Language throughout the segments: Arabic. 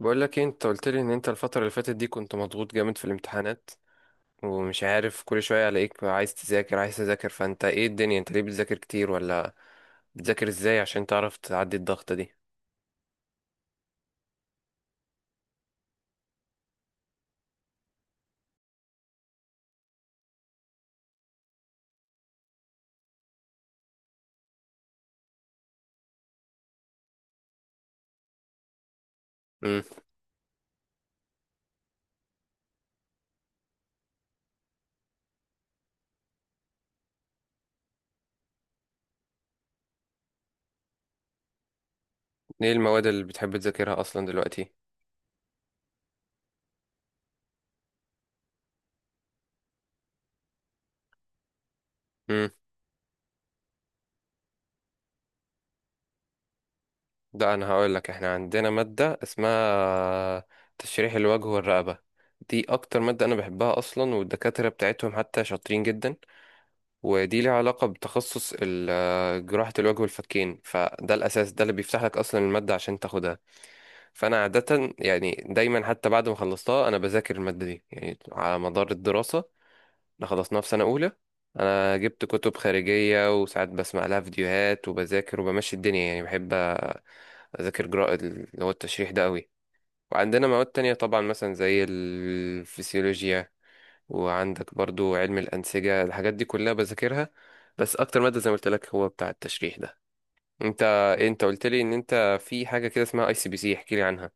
بقول لك إيه، انت قلت لي ان انت الفترة اللي فاتت دي كنت مضغوط جامد في الامتحانات، ومش عارف كل شوية الاقيك عايز تذاكر عايز تذاكر. فانت ايه الدنيا، انت ليه بتذاكر كتير ولا بتذاكر ازاي عشان تعرف تعدي الضغطة دي؟ امم. ايه المواد اللي بتحب تذاكرها اصلا دلوقتي؟ امم. ده انا هقول لك، احنا عندنا مادة اسمها تشريح الوجه والرقبة. دي اكتر مادة انا بحبها اصلا، والدكاترة بتاعتهم حتى شاطرين جدا. ودي ليها علاقة بتخصص جراحة الوجه والفكين، فده الأساس، ده اللي بيفتح لك أصلا المادة عشان تاخدها. فأنا عادة يعني دايما حتى بعد ما خلصتها، أنا بذاكر المادة دي يعني على مدار الدراسة. أنا خلصناها في سنة أولى. أنا جبت كتب خارجية وساعات بسمع لها فيديوهات وبذاكر وبمشي الدنيا، يعني بحب أذاكر جراءة اللي هو التشريح ده قوي. وعندنا مواد تانية طبعا مثلا زي الفسيولوجيا، وعندك برضو علم الأنسجة، الحاجات دي كلها بذاكرها. بس أكتر مادة زي ما قلت لك هو بتاع التشريح ده. أنت إيه، أنت قلت لي إن أنت في حاجة كده اسمها أي سي بي سي، احكي لي عنها.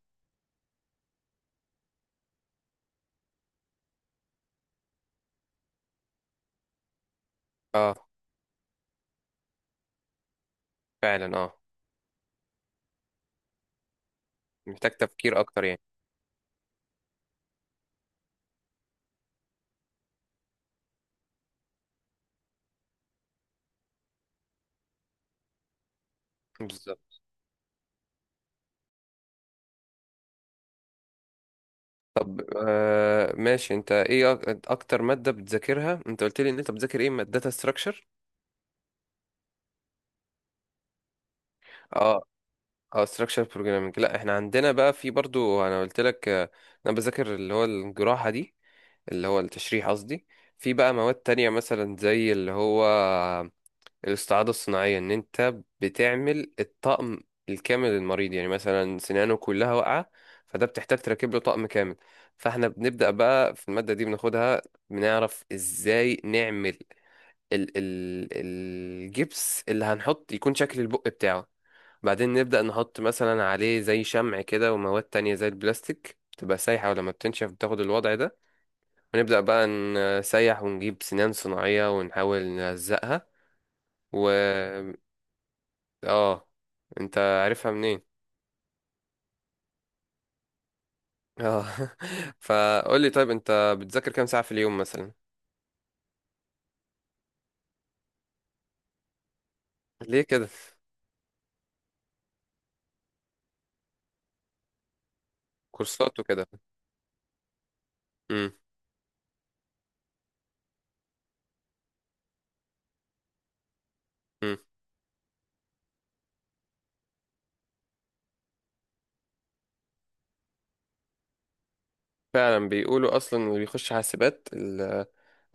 أه. فعلا أه. محتاج تفكير أكتر يعني. بالظبط. آه ماشي، أنت إيه أكتر مادة بتذاكرها؟ أنت قلت لي إن أنت بتذاكر إيه، مادة داتا ستراكشر؟ أه. اه ستراكشر بروجرامنج، لا احنا عندنا بقى في برضو، انا قلت لك، انا بذاكر اللي هو الجراحه دي، اللي هو التشريح قصدي. في بقى مواد تانية مثلا زي اللي هو الاستعاضة الصناعية، ان انت بتعمل الطقم الكامل للمريض، يعني مثلا سنانه كلها واقعة، فده بتحتاج تركب له طقم كامل. فاحنا بنبدأ بقى في المادة دي، بناخدها، بنعرف ازاي نعمل ال الجبس اللي هنحط يكون شكل البق بتاعه. بعدين نبدأ نحط مثلا عليه زي شمع كده، ومواد تانية زي البلاستيك بتبقى سايحة ولما بتنشف بتاخد الوضع ده. هنبدأ بقى نسيح ونجيب سنان صناعية ونحاول نلزقها. و اه، انت عارفها منين؟ اه. فقول لي، طيب انت بتذاكر كام ساعة في اليوم مثلا؟ ليه كده؟ كورسات وكده؟ امم. امم. فعلا، بيقولوا اصلا اللي بيخش حاسبات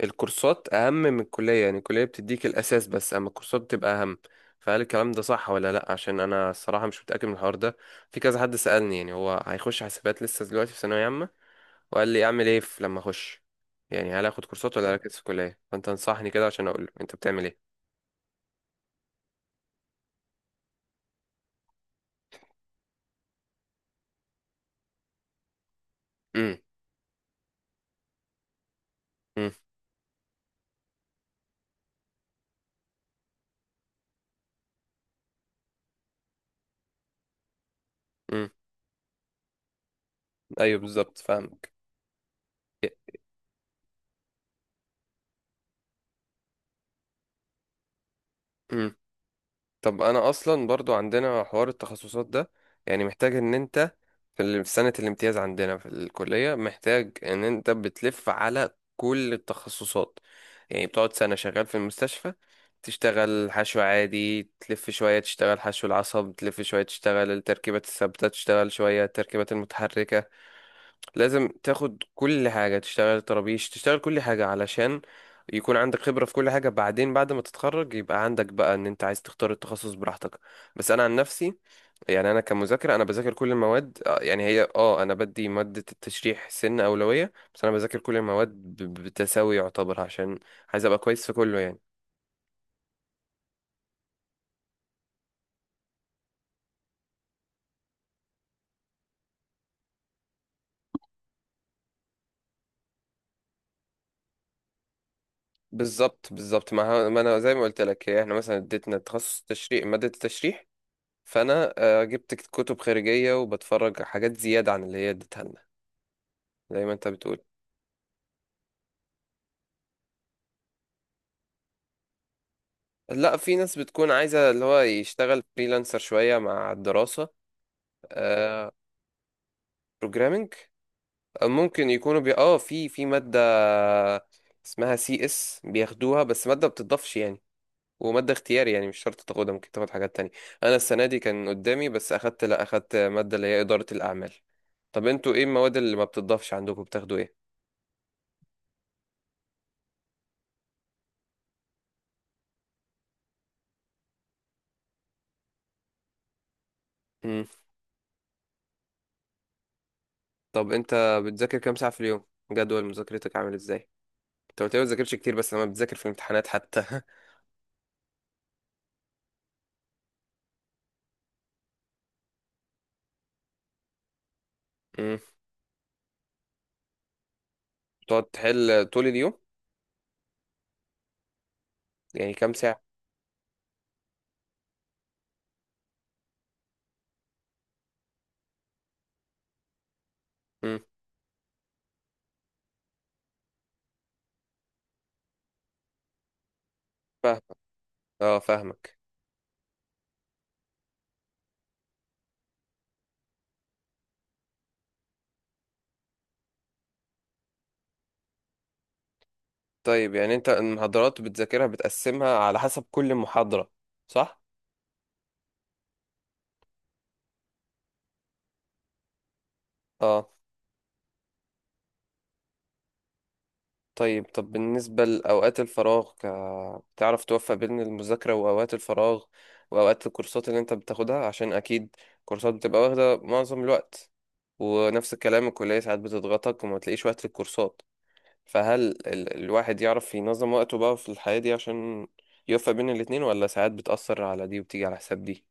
الكورسات اهم من الكلية، يعني الكلية بتديك الاساس بس اما الكورسات بتبقى اهم. فهل الكلام ده صح ولا لا؟ عشان انا الصراحة مش متأكد من الحوار ده. في كذا حد سألني يعني هو هيخش حاسبات لسه دلوقتي في ثانوية عامة، وقال لي اعمل ايه لما اخش، يعني هل اخد كورسات ولا اركز في الكليه؟ فانت انصحني كده عشان اقول له انت بتعمل ايه. امم. امم. امم. ايوه بالظبط، فاهمك. امم. طب انا اصلا برضو عندنا حوار التخصصات ده، يعني محتاج ان انت في سنه الامتياز عندنا في الكليه محتاج ان انت بتلف على كل التخصصات. يعني بتقعد سنه شغال في المستشفى، تشتغل حشو عادي، تلف شوية، تشتغل حشو العصب، تلف شوية، تشتغل التركيبات الثابتة، تشتغل شوية التركيبات المتحركة. لازم تاخد كل حاجة، تشتغل طرابيش، تشتغل كل حاجة علشان يكون عندك خبرة في كل حاجة. بعدين بعد ما تتخرج يبقى عندك بقى ان انت عايز تختار التخصص براحتك. بس انا عن نفسي، يعني انا كمذاكرة انا بذاكر كل المواد، يعني هي انا بدي مادة التشريح سن اولوية، بس انا بذاكر كل المواد بتساوي يعتبر، عشان عايز ابقى كويس في كله يعني. بالظبط بالظبط. ما انا زي ما قلت لك، هي احنا مثلا اديتنا تخصص تشريح مادة التشريح، فانا جبت كتب خارجيه وبتفرج على حاجات زياده عن اللي هي اديتها لنا، زي ما انت بتقول. لا، في ناس بتكون عايزه اللي هو يشتغل فريلانسر شويه مع الدراسه. آه. بروجرامنج، ممكن يكونوا بي... اه في ماده اسمها سي اس بياخدوها، بس ماده بتضافش يعني. وماده اختياري، يعني مش شرط تاخدها، ممكن تاخد حاجات تانية. انا السنه دي كان قدامي بس اخدت، لا، اخدت ماده اللي هي اداره الاعمال. طب انتوا ايه المواد اللي ما بتضافش عندكم، بتاخدوا ايه؟ طب انت بتذاكر كام ساعة في اليوم؟ جدول مذاكرتك عامل ازاي؟ انت قلت لي ما بتذاكرش كتير بس لما بتذاكر في الامتحانات حتى. امم. تقعد تحل طول اليوم؟ يعني كام ساعة؟ امم. فاهم. اه فاهمك. طيب يعني انت المحاضرات بتذاكرها، بتقسمها على حسب كل محاضرة، صح؟ اه. طيب، طب بالنسبة لأوقات الفراغ، بتعرف توفق بين المذاكرة وأوقات الفراغ وأوقات الكورسات اللي أنت بتاخدها؟ عشان أكيد كورسات بتبقى واخدة معظم الوقت، ونفس الكلام الكلية ساعات بتضغطك وما تلاقيش وقت للكورسات. فهل الواحد يعرف ينظم وقته بقى في الحياة دي عشان يوفق بين الاتنين، ولا ساعات بتأثر على دي وبتيجي على حساب دي؟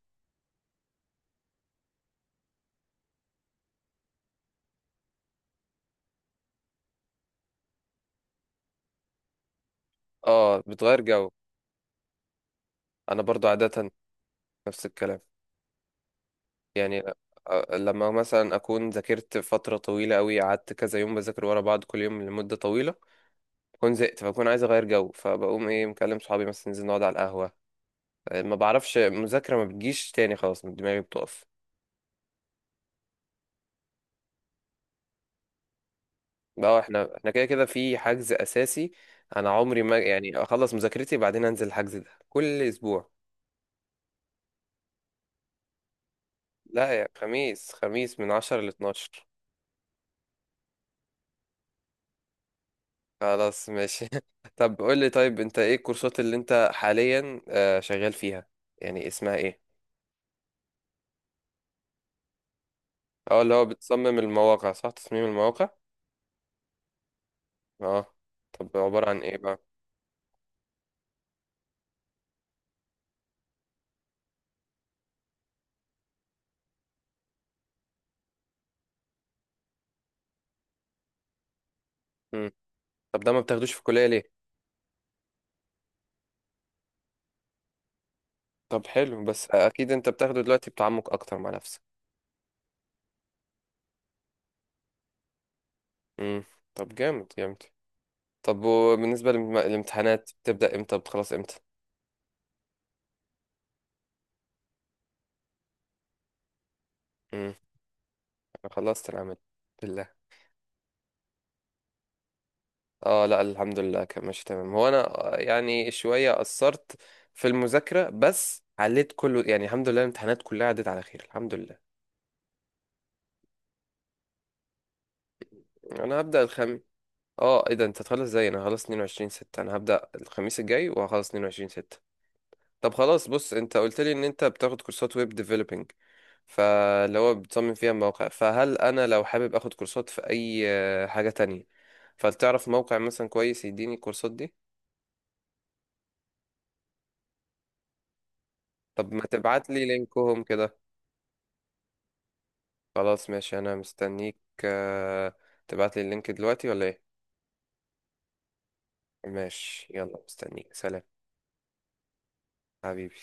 آه بتغير جو. أنا برضو عادة نفس الكلام، يعني لما مثلا اكون ذاكرت فتره طويله قوي، قعدت كذا يوم بذاكر ورا بعض كل يوم لمده طويله، بكون زهقت. فبكون عايز اغير جو، فبقوم ايه مكلم صحابي مثلا ننزل نقعد على القهوه. ما بعرفش، مذاكره ما بتجيش تاني، خلاص من دماغي بتقف. بقى احنا كده كده في حجز اساسي، انا عمري ما يعني اخلص مذاكرتي بعدين انزل، الحجز ده كل اسبوع. لا، يا خميس خميس من 10 ل 12. خلاص ماشي. طب قول لي، طيب انت ايه الكورسات اللي انت حاليا، شغال فيها، يعني اسمها ايه؟ اه، اللي هو بتصمم المواقع، صح، تصميم المواقع. اه. طب عبارة عن ايه بقى؟ مم. طب ده ما بتاخدوش في الكلية ليه؟ طب حلو، بس اكيد انت بتاخده دلوقتي بتعمق اكتر مع نفسك. مم. طب جامد جامد. طب وبالنسبة للامتحانات، بتبدأ امتى، بتخلص امتى؟ مم. انا خلصت العمل. بالله؟ اه، لا الحمد لله كان ماشي تمام. هو انا يعني شوية قصرت في المذاكرة بس عليت كله، يعني الحمد لله الامتحانات كلها عدت على خير، الحمد لله. انا هبدأ الخميس. اه ايه ده، انت هتخلص ازاي؟ انا هخلص 22 6. انا هبدأ الخميس الجاي وهخلص 22 6. طب خلاص، بص، انت قلت لي ان انت بتاخد كورسات ويب ديفلوبينج، فاللي هو بتصمم فيها مواقع. فهل انا لو حابب اخد كورسات في اي حاجة تانية، فلتعرف موقع مثلا كويس يديني الكورسات دي؟ طب ما تبعت لي لينكهم كده. خلاص ماشي، انا مستنيك. آه، تبعت لي اللينك دلوقتي ولا ايه؟ ماشي، يلا مستنيك، سلام. حبيبي.